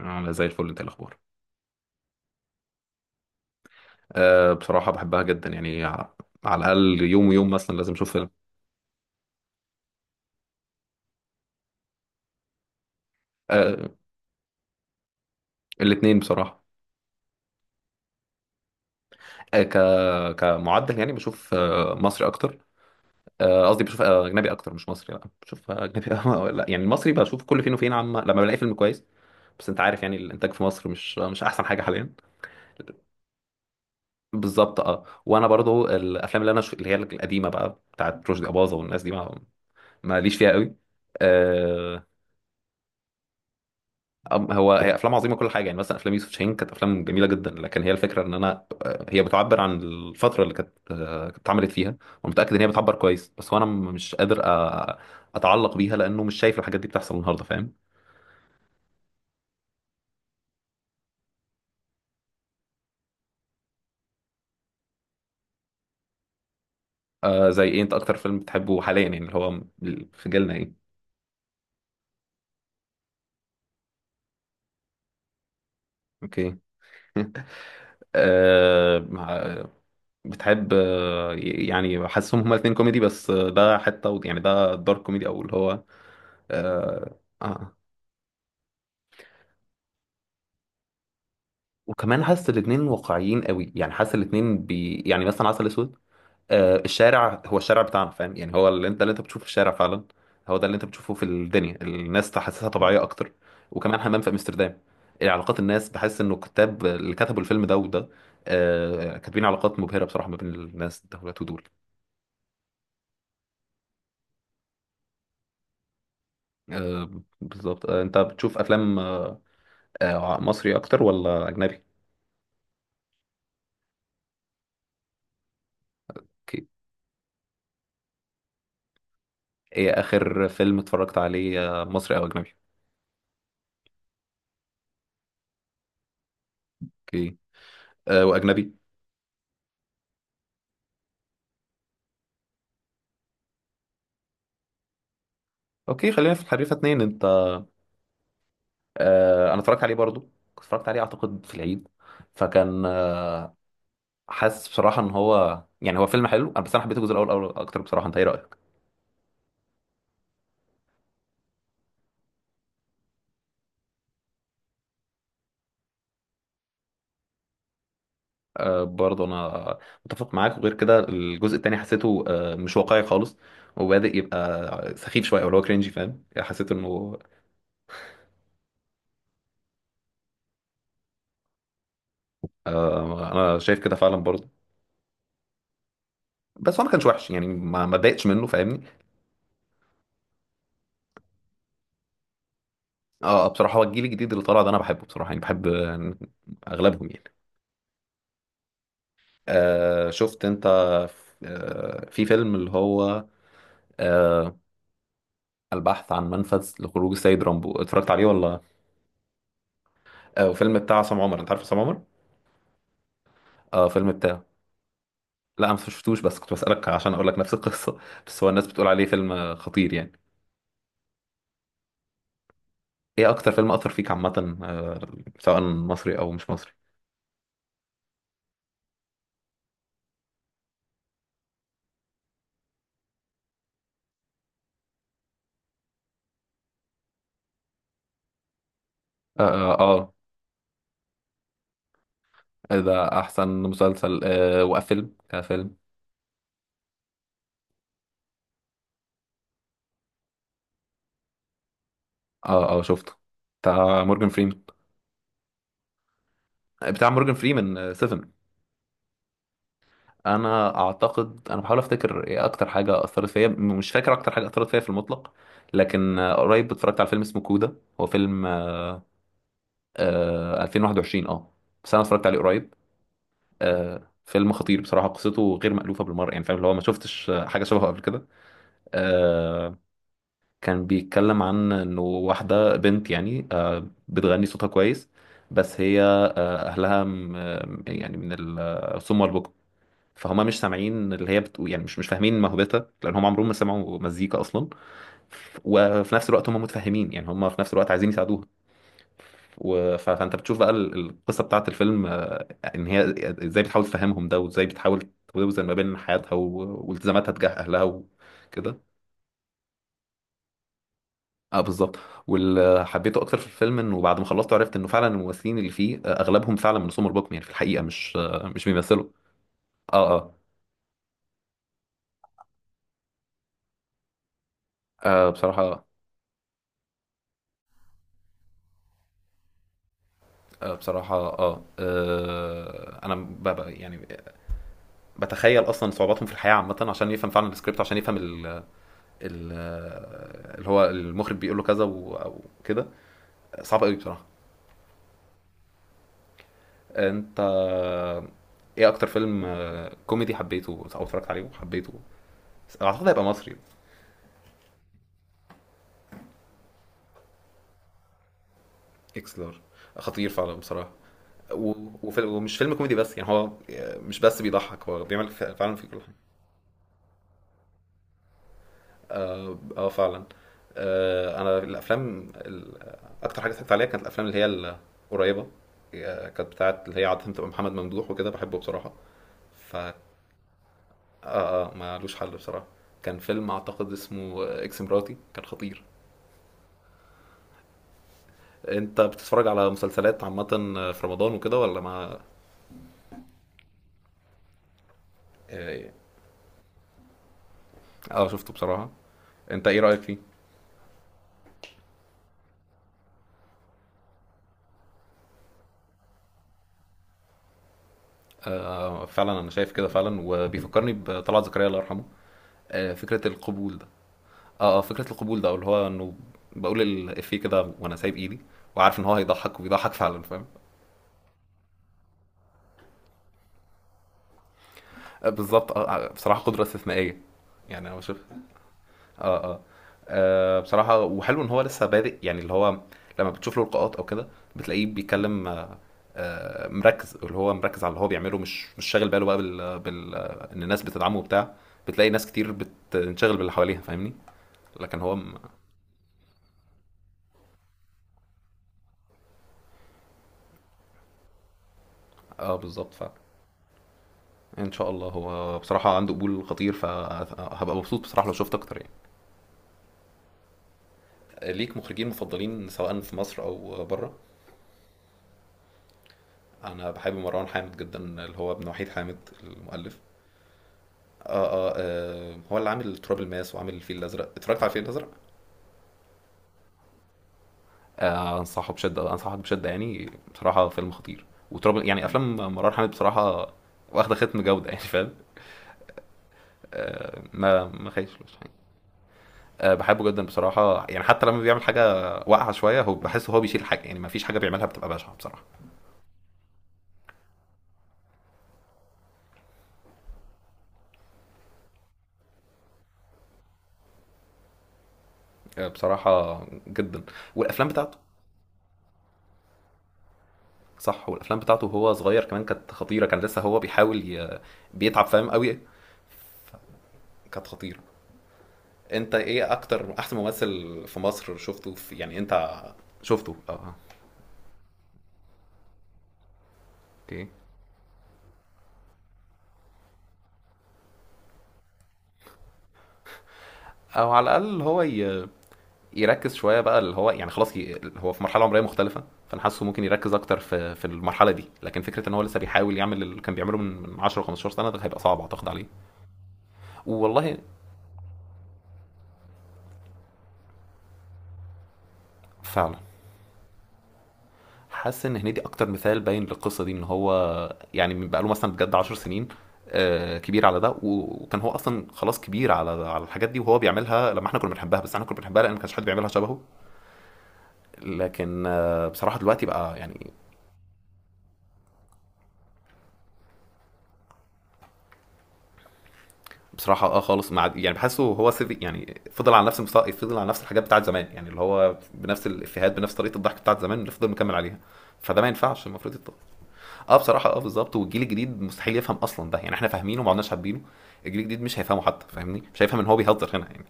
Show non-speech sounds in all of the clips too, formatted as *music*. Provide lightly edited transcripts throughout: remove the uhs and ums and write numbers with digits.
عاملة زي الفل. انت إيه الاخبار؟ أه، بصراحة بحبها جدا يعني على الأقل يوم ويوم مثلا لازم أشوف فيلم. أه، الاتنين بصراحة. أه كمعدل يعني بشوف مصري أكتر. قصدي بشوف أجنبي أكتر، مش مصري، لا بشوف أجنبي *laughs* لا يعني المصري بشوف كل فين وفين، عما لما بلاقي فيلم كويس. بس أنت عارف يعني الإنتاج في مصر مش أحسن حاجة حاليا. بالظبط اه، وانا برضو الافلام اللي انا اللي هي القديمه بقى بتاعت رشدي اباظه والناس دي ما ماليش فيها قوي آه، هي افلام عظيمه، كل حاجه. يعني مثلا افلام يوسف شاهين كانت افلام جميله جدا، لكن هي الفكره ان انا هي بتعبر عن الفتره اللي كانت اتعملت فيها. ومتاكد ان هي بتعبر كويس، بس وانا مش قادر اتعلق بيها، لانه مش شايف الحاجات دي بتحصل النهارده، فاهم. زي ايه؟ انت اكتر فيلم بتحبه حاليا، يعني اللي هو في جيلنا ايه؟ اوكي. *laughs* آه مع- بتحب يعني حاسسهم هما الاثنين كوميدي، بس ده حته يعني ده دارك كوميدي، او اللي هو آه, آه. وكمان حاسس الاتنين واقعيين قوي، يعني حاسس الاتنين يعني مثلا عسل اسود. الشارع هو الشارع بتاعنا، فاهم يعني هو اللي انت بتشوفه في الشارع فعلا. هو ده اللي انت بتشوفه في الدنيا، الناس تحسسها طبيعية اكتر. وكمان حمام في امستردام. علاقات الناس، بحس انه الكتاب اللي كتبوا الفيلم ده وده كاتبين علاقات مبهرة بصراحة ما بين الناس دولت ودول. آه، بالظبط. انت بتشوف افلام مصري اكتر ولا اجنبي؟ اوكي. ايه اخر فيلم اتفرجت عليه مصري او اجنبي؟ اوكي. واجنبي؟ اوكي خلينا في الحريفه اتنين. انت انا اتفرجت عليه برضو، كنت اتفرجت عليه اعتقد في العيد. فكان حاسس بصراحه ان هو يعني هو فيلم حلو، بس انا حبيت الجزء الاول اكتر بصراحه. انت ايه رايك؟ آه، برضو انا متفق معاك. وغير كده الجزء التاني حسيته مش واقعي خالص، وبادئ يبقى سخيف شويه او اللي هو كرينجي، فاهم، حسيت انه آه، انا شايف كده فعلا برضو. بس هو ما كانش وحش يعني، ما اتضايقتش منه، فاهمني. اه، بصراحه هو الجيل الجديد اللي طالع ده انا بحبه بصراحه، يعني بحب اغلبهم يعني. شفت انت في فيلم اللي هو آه البحث عن منفذ لخروج السيد رامبو، اتفرجت عليه ولا؟ فيلم بتاع عصام عمر. انت عارف عصام عمر؟ اه، فيلم بتاعه. لا انا ما شفتوش، بس كنت بسألك عشان اقول لك نفس القصة. *laughs* بس هو الناس بتقول عليه فيلم خطير يعني. ايه اكتر فيلم اثر فيك عامة؟ سواء مصري او مش مصري. اه، اه, ده احسن مسلسل. وفيلم كفيلم؟ اه، اه شفته بتاع مورجان فريمان. بتاع مورجان فريمان 7. انا اعتقد، انا بحاول افتكر ايه اكتر حاجه اثرت فيا. مش فاكر اكتر حاجه اثرت فيا في المطلق، لكن قريب اتفرجت على فيلم اسمه كودا. هو فيلم 2021 اه، بس انا اتفرجت عليه قريب. فيلم خطير بصراحه، قصته غير مألوفه بالمره يعني، فاهم اللي هو ما شفتش حاجه شبهه قبل كده آه كان بيتكلم عن انه واحده بنت يعني بتغني صوتها كويس. بس هي اهلها يعني من الصم والبكم. فهم مش سامعين اللي هي بتقول يعني، مش فاهمين موهبتها، لان هم عمرهم ما سمعوا مزيكا اصلا. وفي نفس الوقت هم متفهمين، يعني هم في نفس الوقت عايزين يساعدوها، فانت بتشوف بقى القصه بتاعت الفيلم ان هي ازاي بتحاول تفهمهم ده، وازاي بتحاول توزن ما بين حياتها والتزاماتها تجاه اهلها وكده. اه، بالظبط. واللي حبيته اكتر في الفيلم، انه بعد ما خلصت عرفت انه فعلا الممثلين اللي فيه اغلبهم فعلا من سمر بوكم، يعني في الحقيقه مش بيمثلوا. اه، اه، بصراحه. بصراحة اه، انا يعني بتخيل اصلا صعوباتهم في الحياة عامة، عشان يفهم فعلا السكريبت، عشان يفهم ال ال اللي هو المخرج بيقول له كذا او كده. صعب قوي بصراحة. انت ايه اكتر فيلم كوميدي حبيته او اتفرجت عليه وحبيته؟ اعتقد هيبقى مصري. اكس لارج. خطير فعلا بصراحة. ومش فيلم كوميدي بس، يعني هو مش بس بيضحك، هو بيعمل فعلا في كل حاجة. اه، فعلا. انا الافلام اكتر حاجه اتفرجت عليها كانت الافلام اللي هي القريبه. كانت بتاعه اللي هي عاده بتبقى محمد ممدوح وكده، بحبه بصراحه. ف اه آه، مالوش حل بصراحه. كان فيلم اعتقد اسمه اكس مراتي، كان خطير. انت بتتفرج على مسلسلات عامه في رمضان وكده ولا ما؟ اه، شفته بصراحه. انت ايه رايك فيه؟ فعلا، انا شايف كده فعلا، وبيفكرني بطلعت زكريا الله يرحمه. فكره القبول ده. اه، اه، فكرة القبول ده اللي هو انه بقول الإفيه كده وانا سايب ايدي، وعارف ان هو هيضحك وبيضحك فعلا، فاهم. بالظبط، اه، بصراحة قدرة استثنائية. يعني انا بشوف. اه، اه، بصراحة وحلو ان هو لسه بادئ، يعني اللي هو لما بتشوف له لقاءات او كده، بتلاقيه بيتكلم. مركز، اللي هو مركز على اللي هو بيعمله، مش شاغل باله بقى بال, بال... آه، ان الناس بتدعمه وبتاع. بتلاقي ناس كتير بتنشغل باللي حواليها، فاهمني. لكن هو اه، بالظبط فعلا. ان شاء الله. هو بصراحه عنده قبول خطير، فهبقى مبسوط بصراحه لو شفت اكتر يعني. ليك مخرجين مفضلين سواء في مصر او بره؟ انا بحب مروان حامد جدا، اللي هو ابن وحيد حامد، المؤلف. آه، هو اللي عامل تراب الماس وعامل الفيل الازرق. اتفرجت على الفيل الازرق؟ انصحه بشده، انصحك بشده، يعني بصراحه فيلم خطير. وتراب يعني، افلام مروان حامد بصراحه واخده ختم جوده يعني، فاهم. ما خايفش. بحبه جدا بصراحه، يعني حتى لما بيعمل حاجه واقعه شويه هو بحس، هو بيشيل حاجه يعني، ما فيش حاجه بيعملها بتبقى بشعه بصراحه. بصراحه جدا. والافلام بتاعته. صح، والافلام بتاعته وهو صغير كمان كانت خطيره. كان لسه هو بيحاول بيتعب، فاهم قوي. كانت خطيره. انت ايه اكتر احسن ممثل في مصر شفته يعني انت شفته اه. اوكي. او على الاقل هو يركز شويه بقى، اللي هو يعني خلاص هو في مرحله عمريه مختلفه، فانا حاسه ممكن يركز اكتر في المرحله دي. لكن فكره ان هو لسه بيحاول يعمل اللي كان بيعمله من 10 15 سنه، ده هيبقى صعب اعتقد عليه. والله. فعلا. حاسس ان هنيدي اكتر مثال باين للقصه دي، ان هو يعني بقى له مثلا بجد 10 سنين، كبير على ده. وكان هو اصلا خلاص كبير على الحاجات دي، وهو بيعملها لما احنا كنا بنحبها. بس احنا كنا بنحبها لان ما كانش حد بيعملها شبهه. لكن بصراحه دلوقتي بقى يعني، بصراحه اه خالص. مع يعني بحسه هو سيفي يعني، فضل على نفس المستوى، فضل على نفس الحاجات بتاعت زمان، يعني اللي هو بنفس الافيهات، بنفس طريقه الضحك بتاعت زمان اللي فضل مكمل عليها. فده ما ينفعش، المفروض يتطبق. اه بصراحه، اه بالظبط. والجيل الجديد مستحيل يفهم اصلا ده يعني، احنا فاهمينه وما عدناش حابينه. الجيل الجديد مش هيفهمه حتى، فاهمني، مش هيفهم ان هو بيهزر هنا يعني.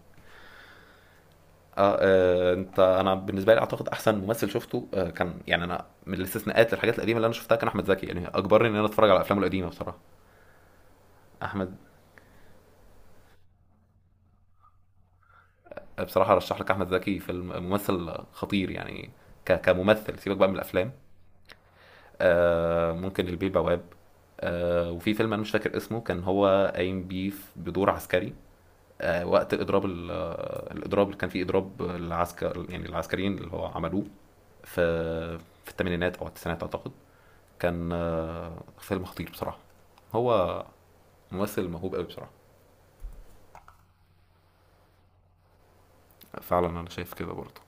اه, انا بالنسبه لي اعتقد احسن ممثل شفته كان، يعني انا من الاستثناءات للحاجات القديمه اللي انا شفتها كان احمد زكي، يعني اجبرني ان انا اتفرج على افلامه القديمه بصراحه. احمد بصراحه ارشح لك احمد زكي، فيلم ممثل خطير يعني. كممثل، سيبك بقى من الافلام. ممكن البيه البواب. وفي فيلم انا مش فاكر اسمه، كان هو قايم بيه بدور عسكري. وقت الاضراب ال- آه، الاضراب اللي كان فيه اضراب العسكر، يعني العسكريين اللي هو عملوه في في الثمانينات او التسعينات اعتقد. كان فيلم خطير بصراحه. هو ممثل موهوب قوي بصراحه. فعلا انا شايف كده برضه.